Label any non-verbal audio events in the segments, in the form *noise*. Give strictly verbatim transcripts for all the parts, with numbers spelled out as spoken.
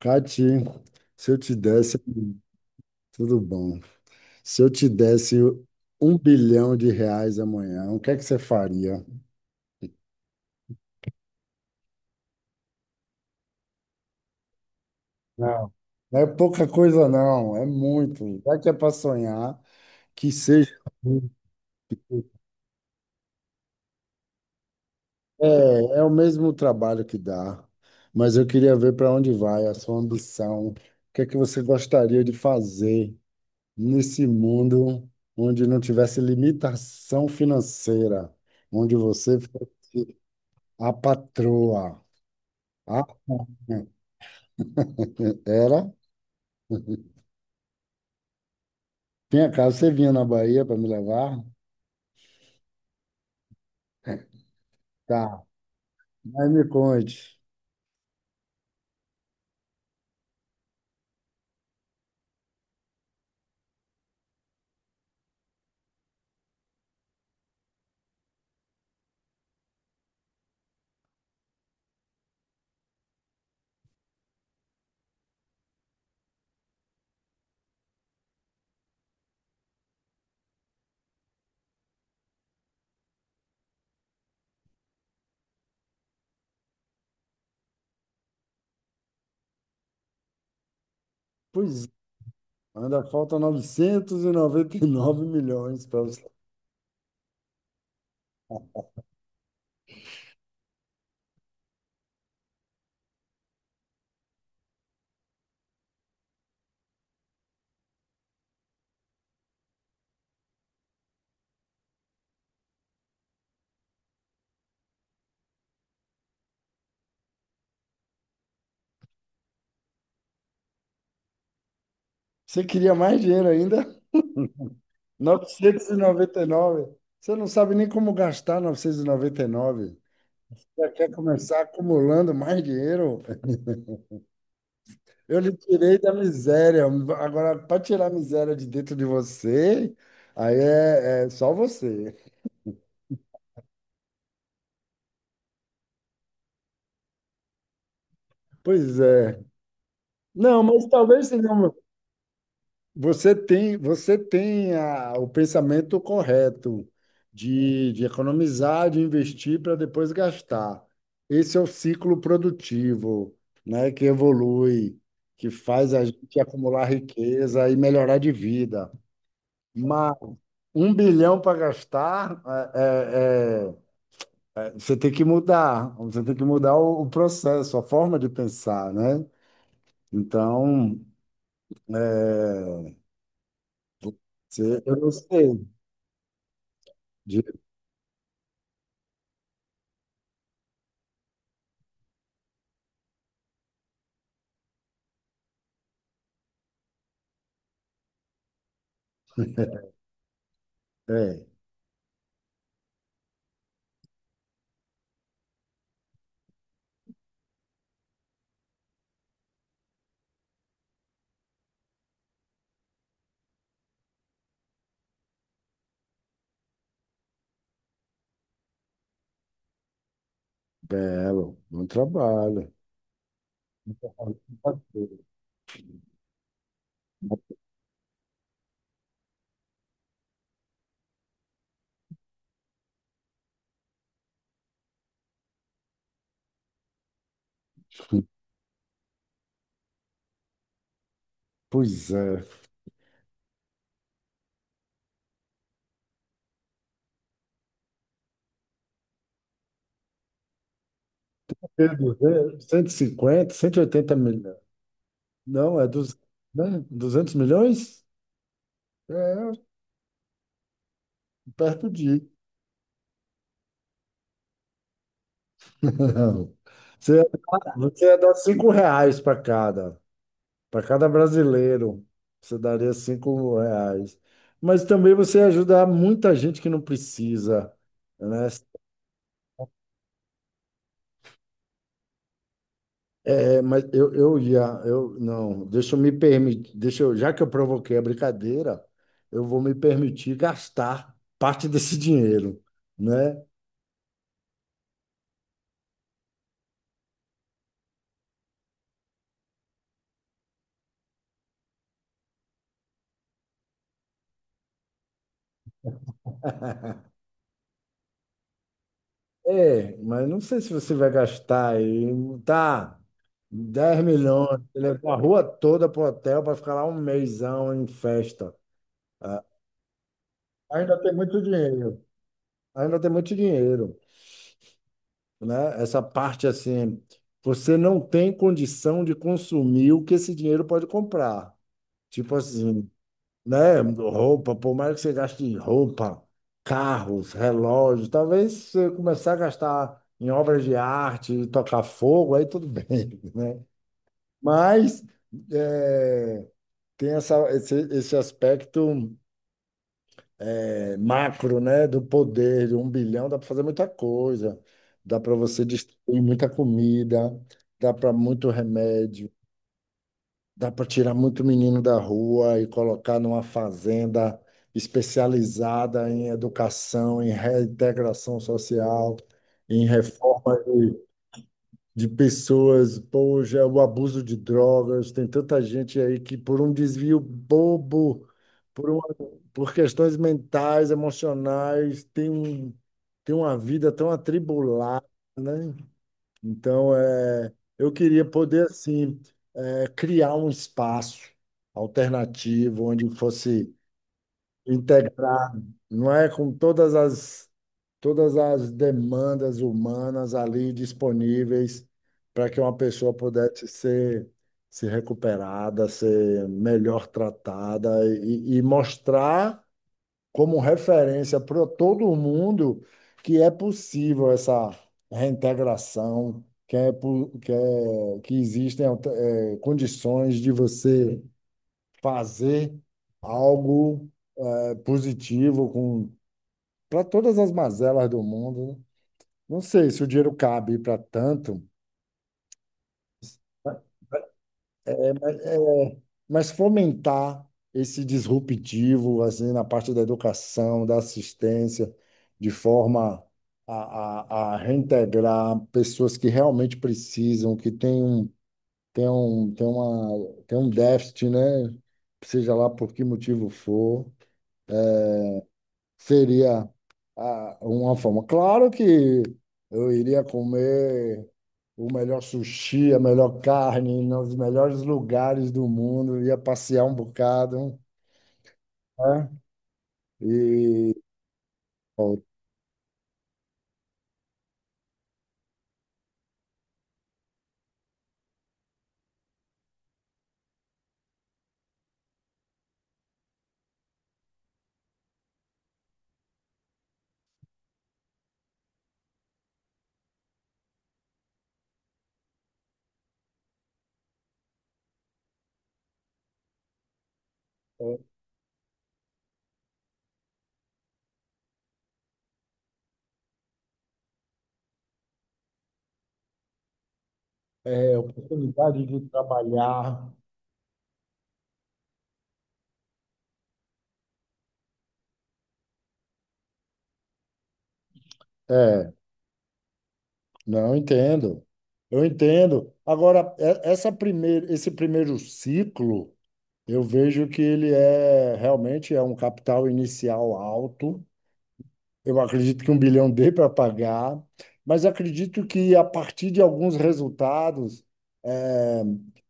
Cati, se eu te desse, tudo bom. Se eu te desse um bilhão de reais amanhã, o que é que você faria? Não, não é pouca coisa, não, é muito. Já que é para sonhar, que seja. Muito. É, é o mesmo trabalho que dá, mas eu queria ver para onde vai a sua ambição. O que é que você gostaria de fazer nesse mundo onde não tivesse limitação financeira, onde você fosse a patroa. Ah, era? Tinha casa, você vinha na Bahia para me levar? Tá, mas me conte. Pois é, ainda falta 999 milhões para você. Você queria mais dinheiro ainda? Novecentos e e noventa e nove. Você não sabe nem como gastar novecentos e noventa e nove. Já quer começar acumulando mais dinheiro? Eu lhe tirei da miséria. Agora, para tirar a miséria de dentro de você, aí é, é só você. Pois é, não, mas talvez não. Você tem, você tenha o pensamento correto de, de economizar, de investir para depois gastar. Esse é o ciclo produtivo, né, que evolui, que faz a gente acumular riqueza e melhorar de vida. Mas um bilhão para gastar, é, é- é- você tem que mudar, você tem que mudar o, o processo, a forma de pensar, né? Então, é, Você- eu não sei. De- É, belo, bom trabalho. *laughs* Pois é. É duzentos, cento e cinquenta, cento e oitenta milhões. Não, é duzentos, né? duzentos milhões? É, perto de. *laughs* Você, você ia dar cinco reais para cada, para cada brasileiro. Você daria cinco reais. Mas também você ia ajudar muita gente que não precisa, né? É, mas eu, eu já, eu não, deixa eu me permitir, deixa eu, já que eu provoquei a brincadeira, eu vou me permitir gastar parte desse dinheiro, né? É, mas não sei se você vai gastar aí, tá, dez milhões, você levou a rua toda pro hotel para ficar lá um mêsão em festa. Ah, ainda tem muito dinheiro, ainda tem muito dinheiro, né? Essa parte assim, você não tem condição de consumir o que esse dinheiro pode comprar. Tipo assim, né? Roupa, por mais que você gaste em roupa, carros, relógios, talvez se você começar a gastar em obras de arte, tocar fogo, aí tudo bem, *laughs* né? Mas é, tem essa, esse, esse aspecto é, macro, né? Do poder, de um bilhão, dá para fazer muita coisa. Dá para você distribuir muita comida, dá para muito remédio. Dá para tirar muito menino da rua e colocar numa fazenda especializada em educação, em reintegração social, em reforma de, de pessoas. Poxa, é o abuso de drogas. Tem tanta gente aí que, por um desvio bobo, por, uma- por questões mentais, emocionais, tem um, tem uma vida tão atribulada, né? Então, é, eu queria poder, assim, é, criar um espaço alternativo onde fosse integrar, não é? Com todas as, todas as demandas humanas ali disponíveis para que uma pessoa pudesse ser, ser recuperada, ser melhor tratada e, e mostrar como referência para todo mundo que é possível essa reintegração, que é, po- que é- que existem alter- eh, condições de você fazer algo eh, positivo com para todas as mazelas do mundo, né? Não sei se o dinheiro cabe para tanto. É, é, mas fomentar esse disruptivo assim na parte da educação, da assistência, de forma a, a, a reintegrar pessoas que realmente precisam, que têm um, têm um, têm uma, têm um déficit, né? Seja lá por que motivo for, seria ah, uma forma. Claro que eu iria comer o melhor sushi, a melhor carne, nos melhores lugares do mundo, ia passear um bocado, né? E ó, é, é, oportunidade de trabalhar. É, não entendo. Eu entendo. Agora, é- essa primeira, esse primeiro ciclo, eu vejo que ele é realmente é um capital inicial alto. Eu acredito que um bilhão dê para pagar, mas acredito que a partir de alguns resultados, eh,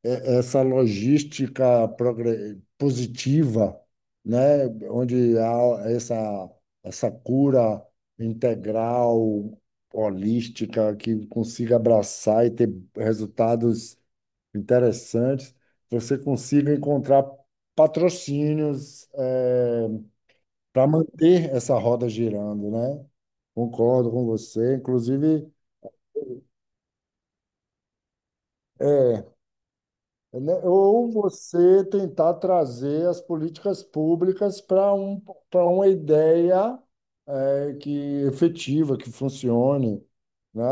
eh, essa logística progre- positiva, né, onde há essa, essa cura integral, holística, que consiga abraçar e ter resultados interessantes, você consiga encontrar patrocínios, eh, para manter essa roda girando, né? Concordo com você. Inclusive, né, ou você tentar trazer as políticas públicas para um, para uma ideia eh, que efetiva, que funcione, né?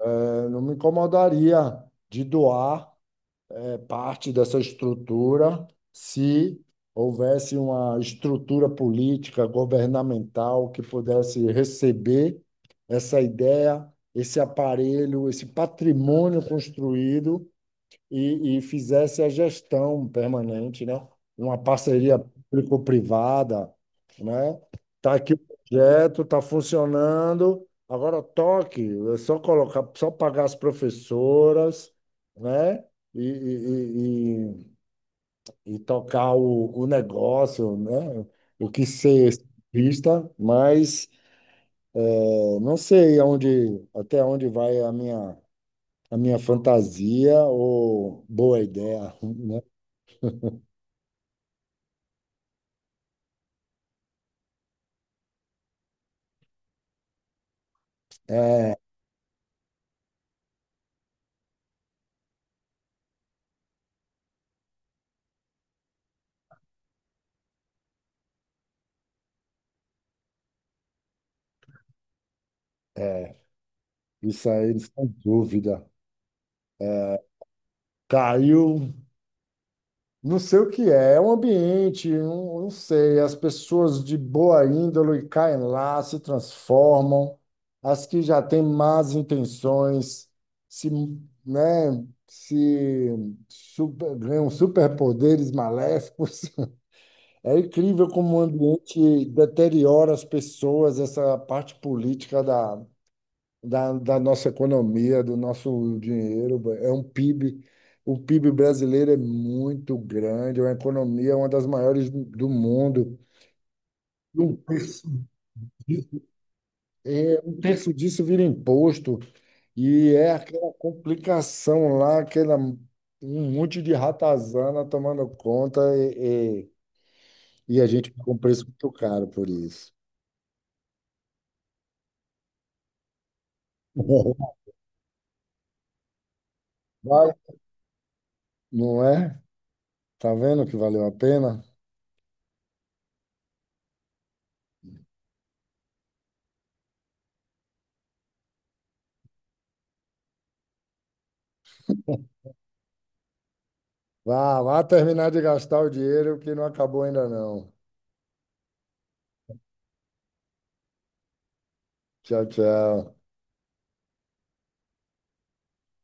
Eh, não me incomodaria de doar. É, parte dessa estrutura se houvesse uma estrutura política, governamental que pudesse receber essa ideia, esse aparelho, esse patrimônio construído e, e fizesse a gestão permanente, né? Uma parceria público-privada, né? Tá aqui o projeto, tá funcionando. Agora toque, é só colocar, só pagar as professoras, né? E, e, e, e- e tocar o, o negócio, né? O que ser vista, mas eu não sei aonde, até onde vai a minha, a minha, fantasia ou boa ideia, né? É, isso aí, sem dúvida. Caiu, não sei o que é, é um ambiente, não, não sei, as pessoas de boa índole caem lá, se transformam, as que já têm más intenções, se, né, se super, ganham superpoderes maléficos. *laughs* É incrível como o ambiente deteriora as pessoas, essa parte política da da, da nossa economia, do nosso dinheiro. É um PIB. O PIB brasileiro é muito grande, é uma economia, uma das maiores do do mundo. Um terço di- é, Um terço disso vira imposto, e é aquela complicação lá, aquela, um monte de ratazana tomando conta, e, e, e a gente paga um preço muito caro por isso. *laughs* Vai, não é? Tá vendo que valeu a pena? Vá, vá terminar de gastar o dinheiro que não acabou ainda não. Tchau, tchau.